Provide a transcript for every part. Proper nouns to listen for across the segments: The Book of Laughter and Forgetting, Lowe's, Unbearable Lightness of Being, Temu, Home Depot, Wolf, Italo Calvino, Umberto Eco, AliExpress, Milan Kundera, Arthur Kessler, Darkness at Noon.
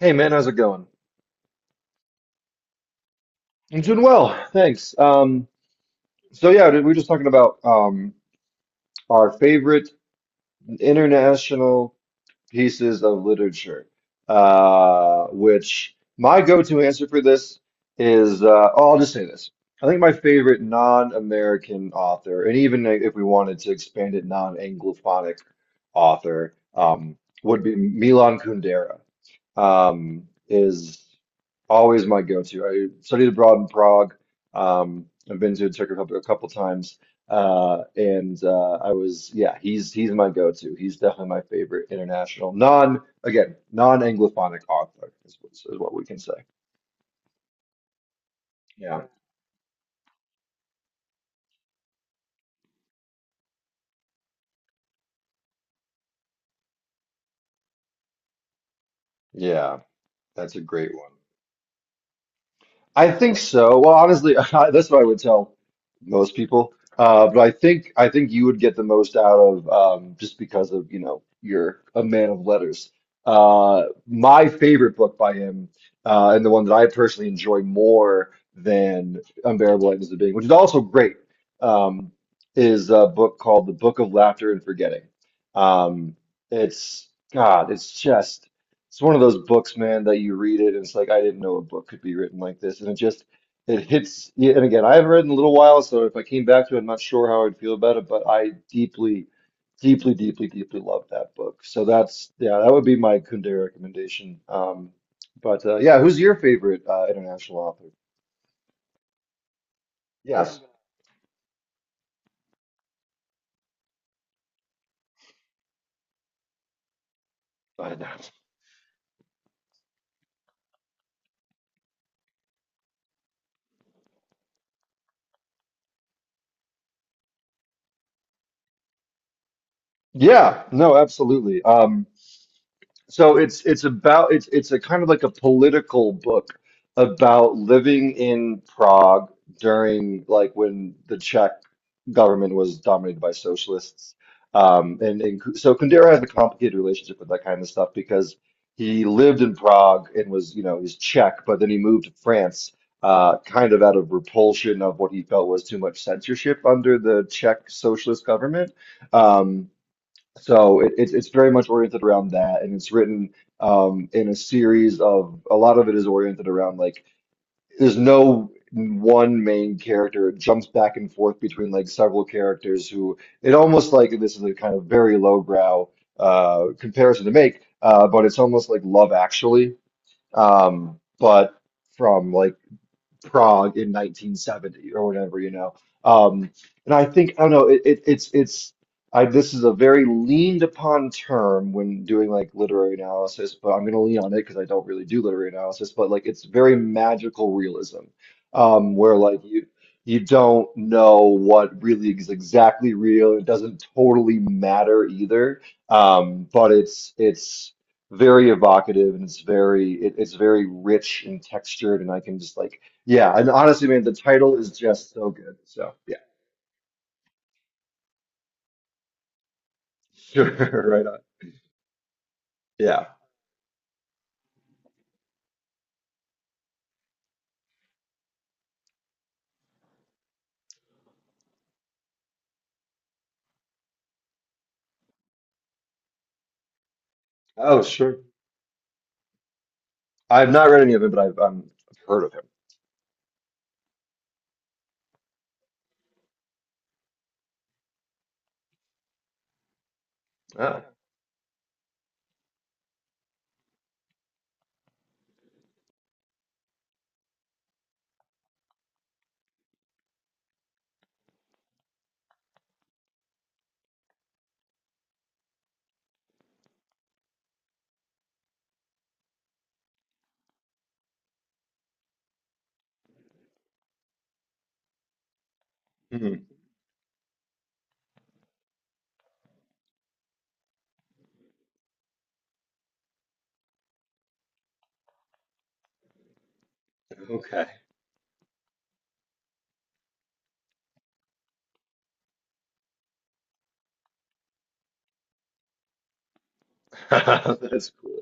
Hey man, how's it going? I'm doing well, thanks. So yeah, we were just talking about our favorite international pieces of literature, which my go-to answer for this is, oh, I'll just say this. I think my favorite non-American author, and even if we wanted to expand it, non-Anglophonic author, would be Milan Kundera is always my go-to. I studied abroad in Prague. I've been to Turkey a couple times, and I was, yeah, he's my go-to. He's definitely my favorite international, non again, non-Anglophonic author is what we can say. Yeah, yeah, that's a great one. I think so. Well, honestly, that's what I would tell most people. But I think you would get the most out of just because of, you know, you're a man of letters. My favorite book by him, and the one that I personally enjoy more than Unbearable Lightness of Being, which is also great, um, is a book called The Book of Laughter and Forgetting. Um, it's God, it's just. It's one of those books, man, that you read it and it's like, I didn't know a book could be written like this. And it just, it hits you. And again, I haven't read in a little while, so if I came back to it, I'm not sure how I'd feel about it, but I deeply, deeply, deeply, deeply love that book. So that's, yeah, that would be my Kundera recommendation. But yeah, who's your favorite international author? Yes, let's. Yeah, no, absolutely. So it's about it's a kind of like a political book about living in Prague during like when the Czech government was dominated by socialists. So Kundera has a complicated relationship with that kind of stuff because he lived in Prague and was, you know, he's Czech, but then he moved to France, kind of out of repulsion of what he felt was too much censorship under the Czech socialist government. Um, so it's very much oriented around that, and it's written in a series of a lot of it is oriented around like there's no one main character. It jumps back and forth between like several characters who it almost like this is a kind of very lowbrow comparison to make, but it's almost like Love Actually, but from like Prague in 1970 or whatever, you know. Um, and I think, I don't know, it, it's, I, this is a very leaned upon term when doing like literary analysis, but I'm going to lean on it because I don't really do literary analysis, but like it's very magical realism, where like you don't know what really is exactly real. It doesn't totally matter either. Um, but it's, it's, very evocative and it's very it's very rich and textured and I can just like yeah, and honestly, man, the title is just so good. So yeah, sure, right on. Yeah. Oh, sure. I've not read any of it, but I've heard of him. Oh. Hmm. Okay. That's cool.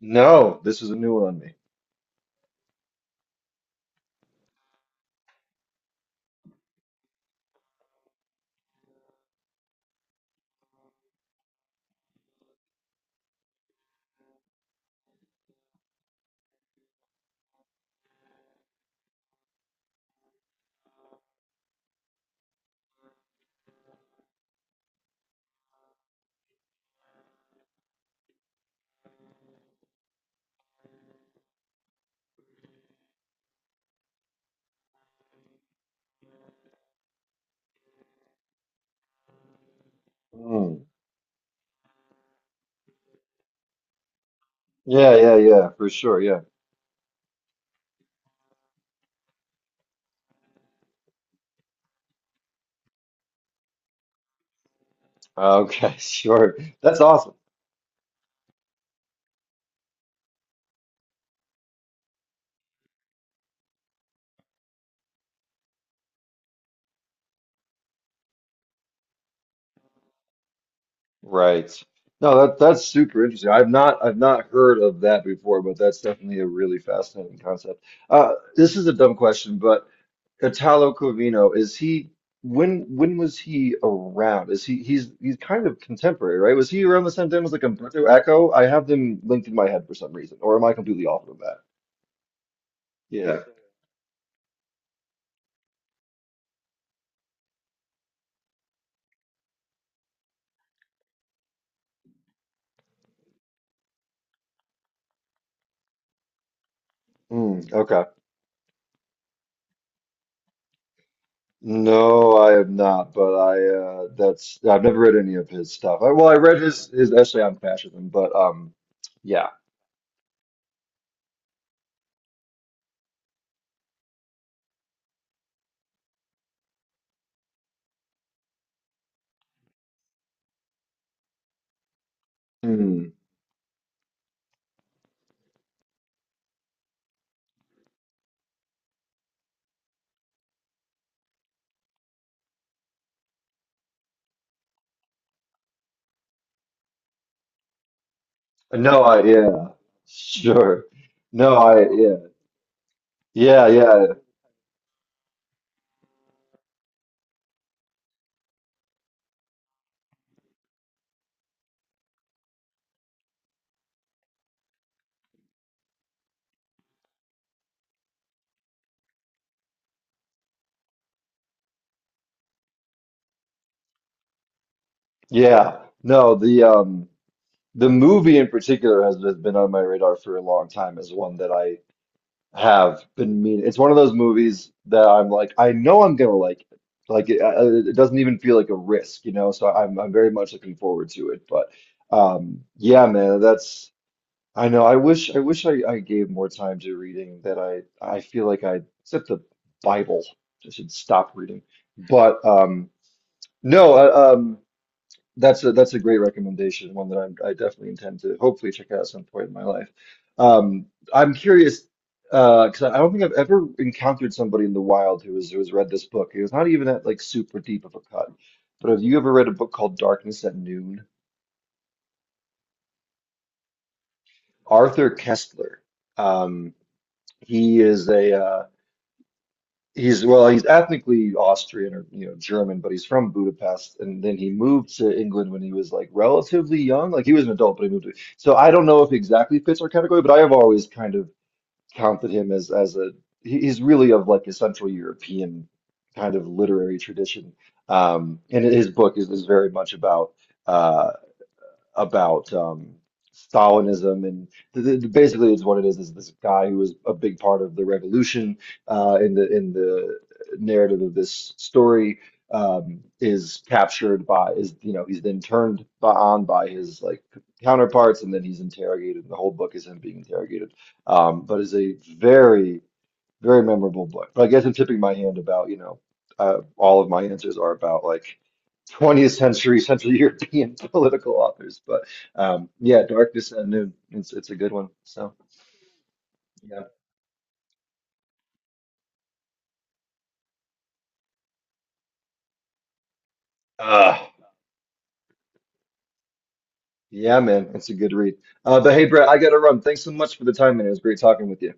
No, this is a new one on me. Hmm. Yeah, yeah, yeah, for sure. Yeah. Okay, sure. That's awesome. Right. No, that that's super interesting. I've not heard of that before, but that's definitely a really fascinating concept. This is a dumb question, but Italo Calvino, is he when was he around? Is he he's kind of contemporary, right? Was he around the same time as like Umberto Eco? I have them linked in my head for some reason, or am I completely off of that? Yeah. Mm, okay. No, I have not, but I that's I've never read any of his stuff. I, well, I read his essay on fascism, but yeah. Mm. No, I yeah. Sure. No, I yeah. Yeah, yeah. Yeah. No, the movie in particular has been on my radar for a long time as one that I have been meaning. It's one of those movies that I'm like, I know I'm gonna like it. Like it, it doesn't even feel like a risk, you know. So I'm very much looking forward to it. But yeah, man, that's I know. I wish I gave more time to reading. That I feel like I except the Bible, I should stop reading. But no, um. That's a great recommendation, one that I'm, I definitely intend to hopefully check out at some point in my life. Um, I'm curious because I don't think I've ever encountered somebody in the wild who has read this book. It was not even at like super deep of a cut. But have you ever read a book called Darkness at Noon? Arthur Kessler. Um, he is a He's well, he's ethnically Austrian or you know German, but he's from Budapest, and then he moved to England when he was like relatively young. Like he was an adult, but he moved to. So I don't know if he exactly fits our category, but I have always kind of counted him as a he- he's really of like a Central European kind of literary tradition. And his book is very much about uh, about um, Stalinism, and basically, it's what it is this guy who was a big part of the revolution in the narrative of this story is captured by is you know he's then turned by, on by his like counterparts, and then he's interrogated. The whole book is him being interrogated, but is a very very memorable book. But I guess I'm tipping my hand about you know all of my answers are about like 20th century Central European political authors. But yeah, Darkness at Noon. It's a good one. So yeah. Uh, yeah, man, it's a good read. But hey, Brett, I gotta run. Thanks so much for the time, man. It was great talking with you.